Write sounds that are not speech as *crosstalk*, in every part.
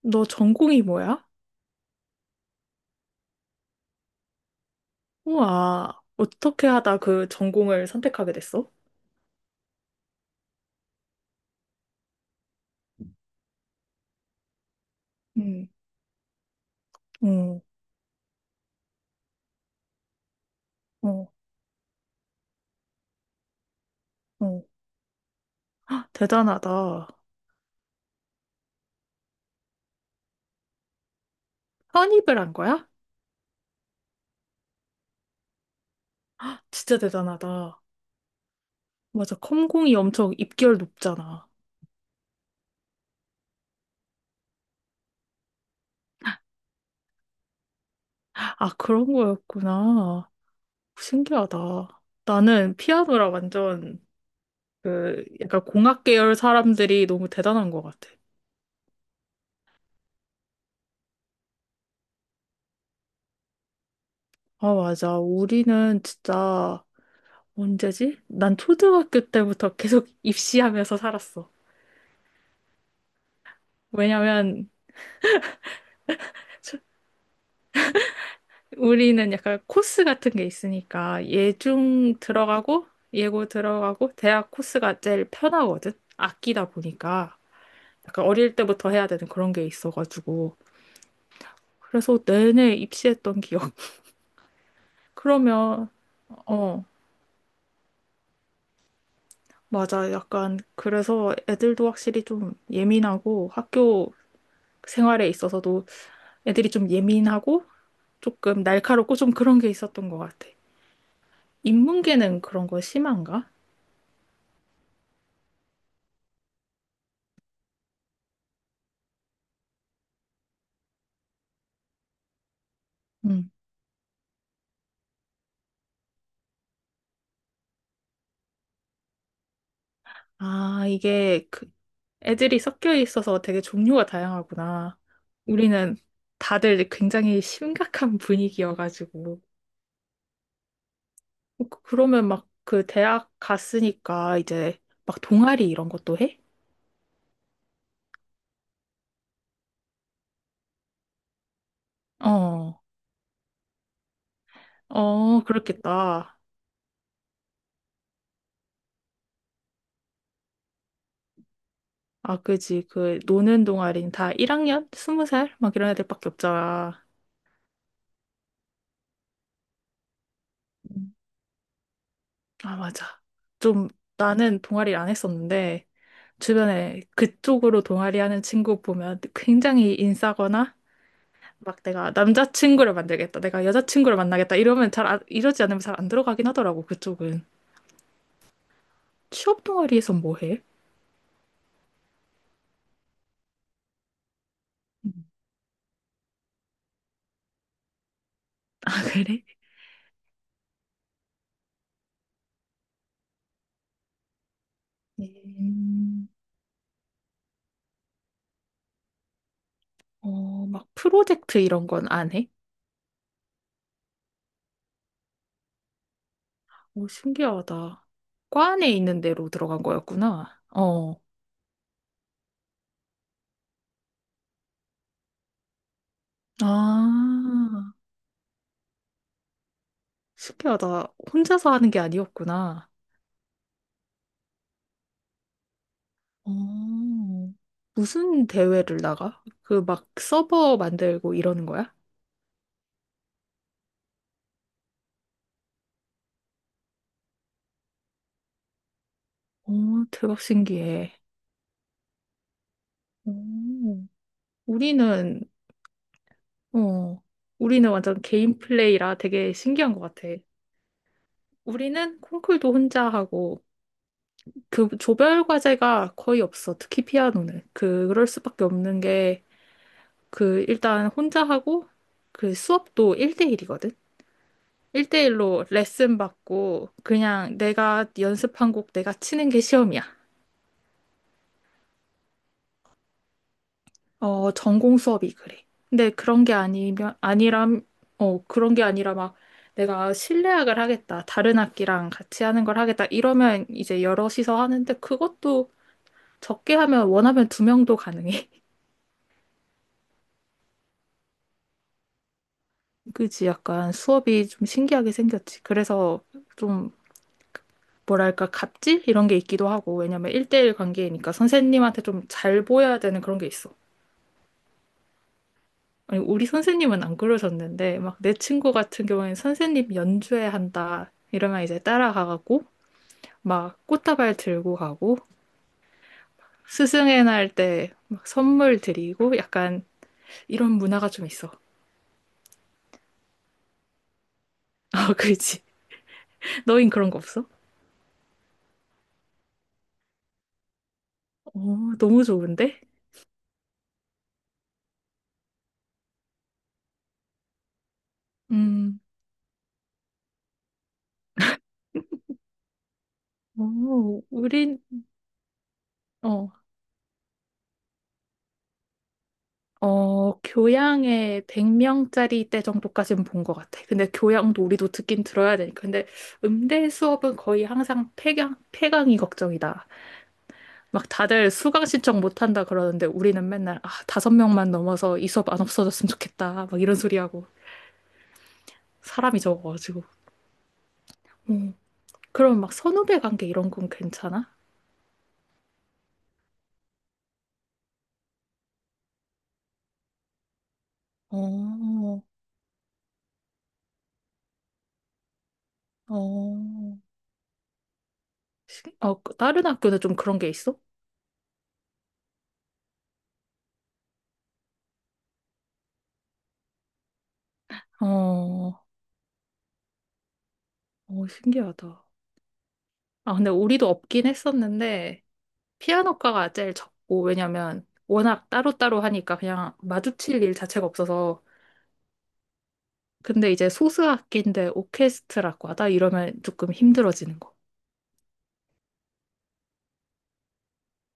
너 전공이 뭐야? 우와, 어떻게 하다 그 전공을 선택하게 됐어? 응, 응, 어, 어. 대단하다. 편입을 한 거야? 진짜 대단하다. 맞아, 컴공이 엄청 입결 높잖아. 아, 그런 거였구나. 신기하다. 나는 피아노라 완전 그 약간 공학 계열 사람들이 너무 대단한 것 같아. 아, 맞아. 우리는 진짜 언제지? 난 초등학교 때부터 계속 입시하면서 살았어. 왜냐면 우리는 약간 코스 같은 게 있으니까 예중 들어가고 예고 들어가고 대학 코스가 제일 편하거든. 아끼다 보니까 약간 어릴 때부터 해야 되는 그런 게 있어가지고 그래서 내내 입시했던 기억. *laughs* 그러면, 어, 맞아, 약간 그래서 애들도 확실히 좀 예민하고 학교 생활에 있어서도 애들이 좀 예민하고 조금 날카롭고 좀 그런 게 있었던 것 같아. 인문계는 그런 거 심한가? 아, 이게 그 애들이 섞여 있어서 되게 종류가 다양하구나. 우리는 다들 굉장히 심각한 *laughs* 분위기여가지고. 어, 그러면 막 그 대학 갔으니까 이제 막 동아리 이런 것도 해? 어, 어, 그렇겠다. 아, 그지. 그 노는 동아리는 다 1학년? 20살? 막 이런 애들밖에 없잖아. 음. 아, 맞아. 좀 나는 동아리를 안 했었는데 주변에 그쪽으로 동아리 하는 친구 보면 굉장히 인싸거나 막 내가 남자친구를 만들겠다, 내가 여자친구를 만나겠다 이러면 잘 이러지 않으면 잘 안 들어가긴 하더라고 그쪽은. 취업 동아리에서 뭐 해? 음. 아, 그래? 음, 어, 막 프로젝트 이런 건 안 해? 오, 신기하다. 과 안에 있는 대로 들어간 거였구나. 어. 아, 신기하다. 혼자서 하는 게 아니었구나. 어. 무슨 대회를 나가? 그 막 서버 만들고 이러는 거야? 어, 대박 신기해. 오, 우리는, 어, 우리는 완전 개인 플레이라 되게 신기한 것 같아. 우리는 콩쿨도 혼자 하고, 그 조별 과제가 거의 없어. 특히 피아노는. 그, 그럴 수밖에 없는 게, 그, 일단 혼자 하고, 그 수업도 1대1이거든? 1대1로 레슨 받고, 그냥 내가 연습한 곡 내가 치는 게 시험이야. 어, 전공 수업이 그래. 근데 그런 게 아니면, 아니람, 어, 그런 게 아니라 막 내가 실내악을 하겠다. 다른 악기랑 같이 하는 걸 하겠다. 이러면 이제 여럿이서 하는데 그것도 적게 하면 원하면 두 명도 가능해. *laughs* 그지? 약간 수업이 좀 신기하게 생겼지. 그래서 좀 뭐랄까, 갑질? 이런 게 있기도 하고. 왜냐면 일대일 관계니까 선생님한테 좀 잘 보여야 되는 그런 게 있어. 아니, 우리 선생님은 안 그러셨는데, 막 내 친구 같은 경우에는 선생님 연주회 한다. 이러면 이제 따라가갖고, 막 꽃다발 들고 가고, 스승의 날 때 막 선물 드리고, 약간 이런 문화가 좀 있어. *laughs* 아, 그렇지. 너흰 그런 거 없어? 어, 너무 좋은데? 음, 어, 우린, 어, 어, 교양에 100명짜리 때 정도까지는 본 것 같아. 근데 교양도 우리도 듣긴 들어야 되니까. 근데 음대 수업은 거의 항상 폐강이 걱정이다. 막 다들 수강 신청 못 한다 그러는데 우리는 맨날, 아, 다섯 명만 넘어서 이 수업 안 없어졌으면 좋겠다, 막 이런 소리 하고 사람이 적어가지고. 음. 그럼 막 선후배 관계 이런 건 괜찮아? 어, 어. 어, 그 다른 학교는 좀 그런 게 있어? 어, 어, 신기하다. 아, 근데 우리도 없긴 했었는데, 피아노과가 제일 적고, 왜냐면 워낙 따로따로 하니까 그냥 마주칠 일 자체가 없어서. 근데 이제 소수악기인데 오케스트라과다 이러면 조금 힘들어지는 거.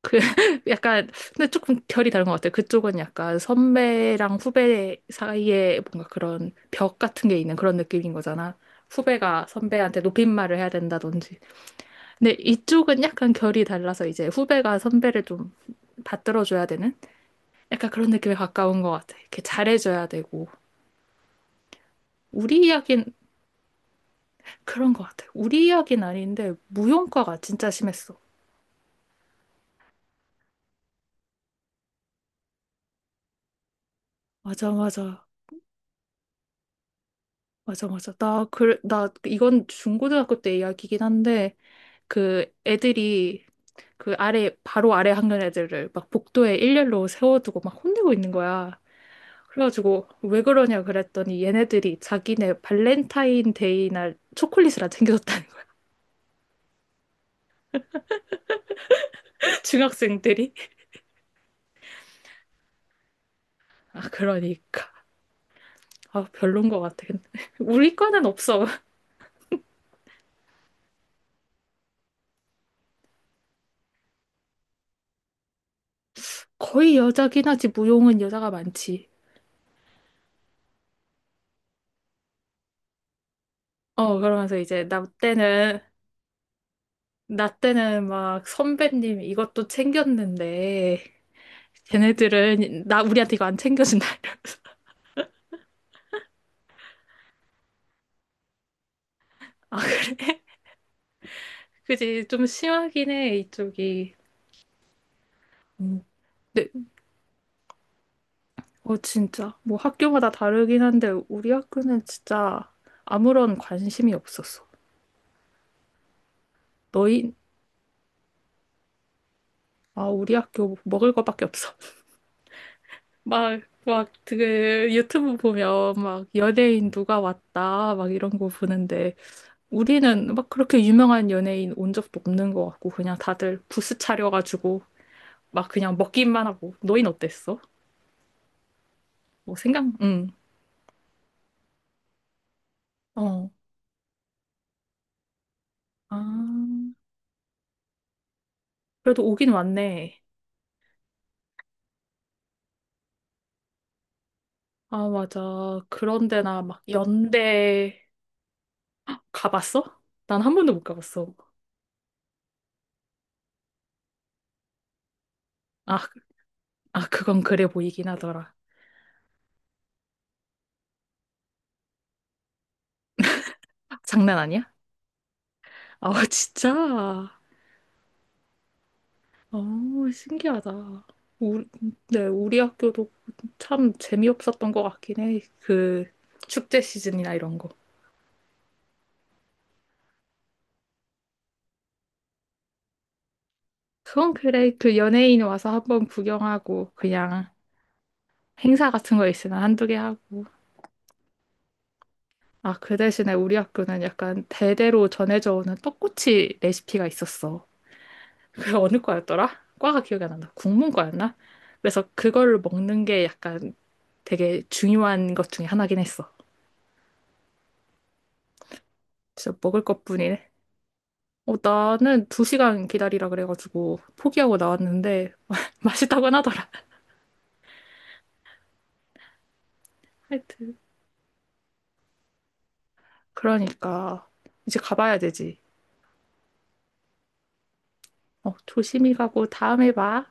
그 *laughs* 약간 근데 조금 결이 다른 것 같아요. 그쪽은 약간 선배랑 후배 사이에 뭔가 그런 벽 같은 게 있는 그런 느낌인 거잖아. 후배가 선배한테 높임말을 해야 된다든지. 근데 이쪽은 약간 결이 달라서 이제 후배가 선배를 좀 받들어줘야 되는 약간 그런 느낌에 가까운 것 같아. 이렇게 잘해줘야 되고. 우리 이야기는 그런 것 같아. 우리 이야기는 아닌데 무용과가 진짜 심했어. 맞아, 맞아. 맞아, 맞아. 나, 이건 중고등학교 때 이야기긴 한데, 그 애들이 그 아래, 바로 아래 학년 애들을 막 복도에 일렬로 세워두고 막 혼내고 있는 거야. 그래가지고, 왜 그러냐 그랬더니 얘네들이 자기네 발렌타인데이 날 초콜릿을 안 챙겨줬다는 거야. *laughs* 중학생들이. 아, 그러니까. 아, 별론 것 같아. 근데 *laughs* 우리 과는 없어. 거의 여자긴 하지, 무용은 여자가 많지. 어, 그러면서 이제 나 때는 막 선배님 이것도 챙겼는데, 쟤네들은 나 우리한테 이거 안 챙겨준다 이러면서. *laughs* 아, 그지. 좀 심하긴 해 이쪽이. 음. 네, 어, 진짜 뭐 학교마다 다르긴 한데 우리 학교는 진짜 아무런 관심이 없었어. 너희. 아, 우리 학교 먹을 거밖에 없어. *laughs* 막 막 그 유튜브 보면 막 연예인 누가 왔다 막 이런 거 보는데 우리는 막 그렇게 유명한 연예인 온 적도 없는 것 같고, 그냥 다들 부스 차려가지고, 막 그냥 먹기만 하고. 너흰 어땠어? 뭐 생각, 응. 어. 아, 그래도 오긴 왔네. 아, 맞아. 그런 데나 막 연대 가봤어? 난 한 번도 못 가봤어. 아, 아, 그건 그래 보이긴 하더라. 장난 아니야? 아, *laughs* 진짜? 아, 신기하다. 우리, 네, 우리 학교도 참 재미없었던 것 같긴 해. 그 축제 시즌이나 이런 거. 그건 그래. 그 연예인 와서 한번 구경하고 그냥 행사 같은 거 있으면 한두 개 하고. 아, 그 대신에 우리 학교는 약간 대대로 전해져 오는 떡꼬치 레시피가 있었어. 그게 어느 과였더라? 과가 기억이 안 난다. 국문과였나? 그래서 그걸 먹는 게 약간 되게 중요한 것 중에 하나긴 했어. 진짜 먹을 것뿐이네. 어, 나는 2시간 기다리라 그래가지고 포기하고 나왔는데 *laughs* 맛있다고는 하더라. 하여튼. 그러니까 이제 가봐야 되지. 어, 조심히 가고 다음에 봐.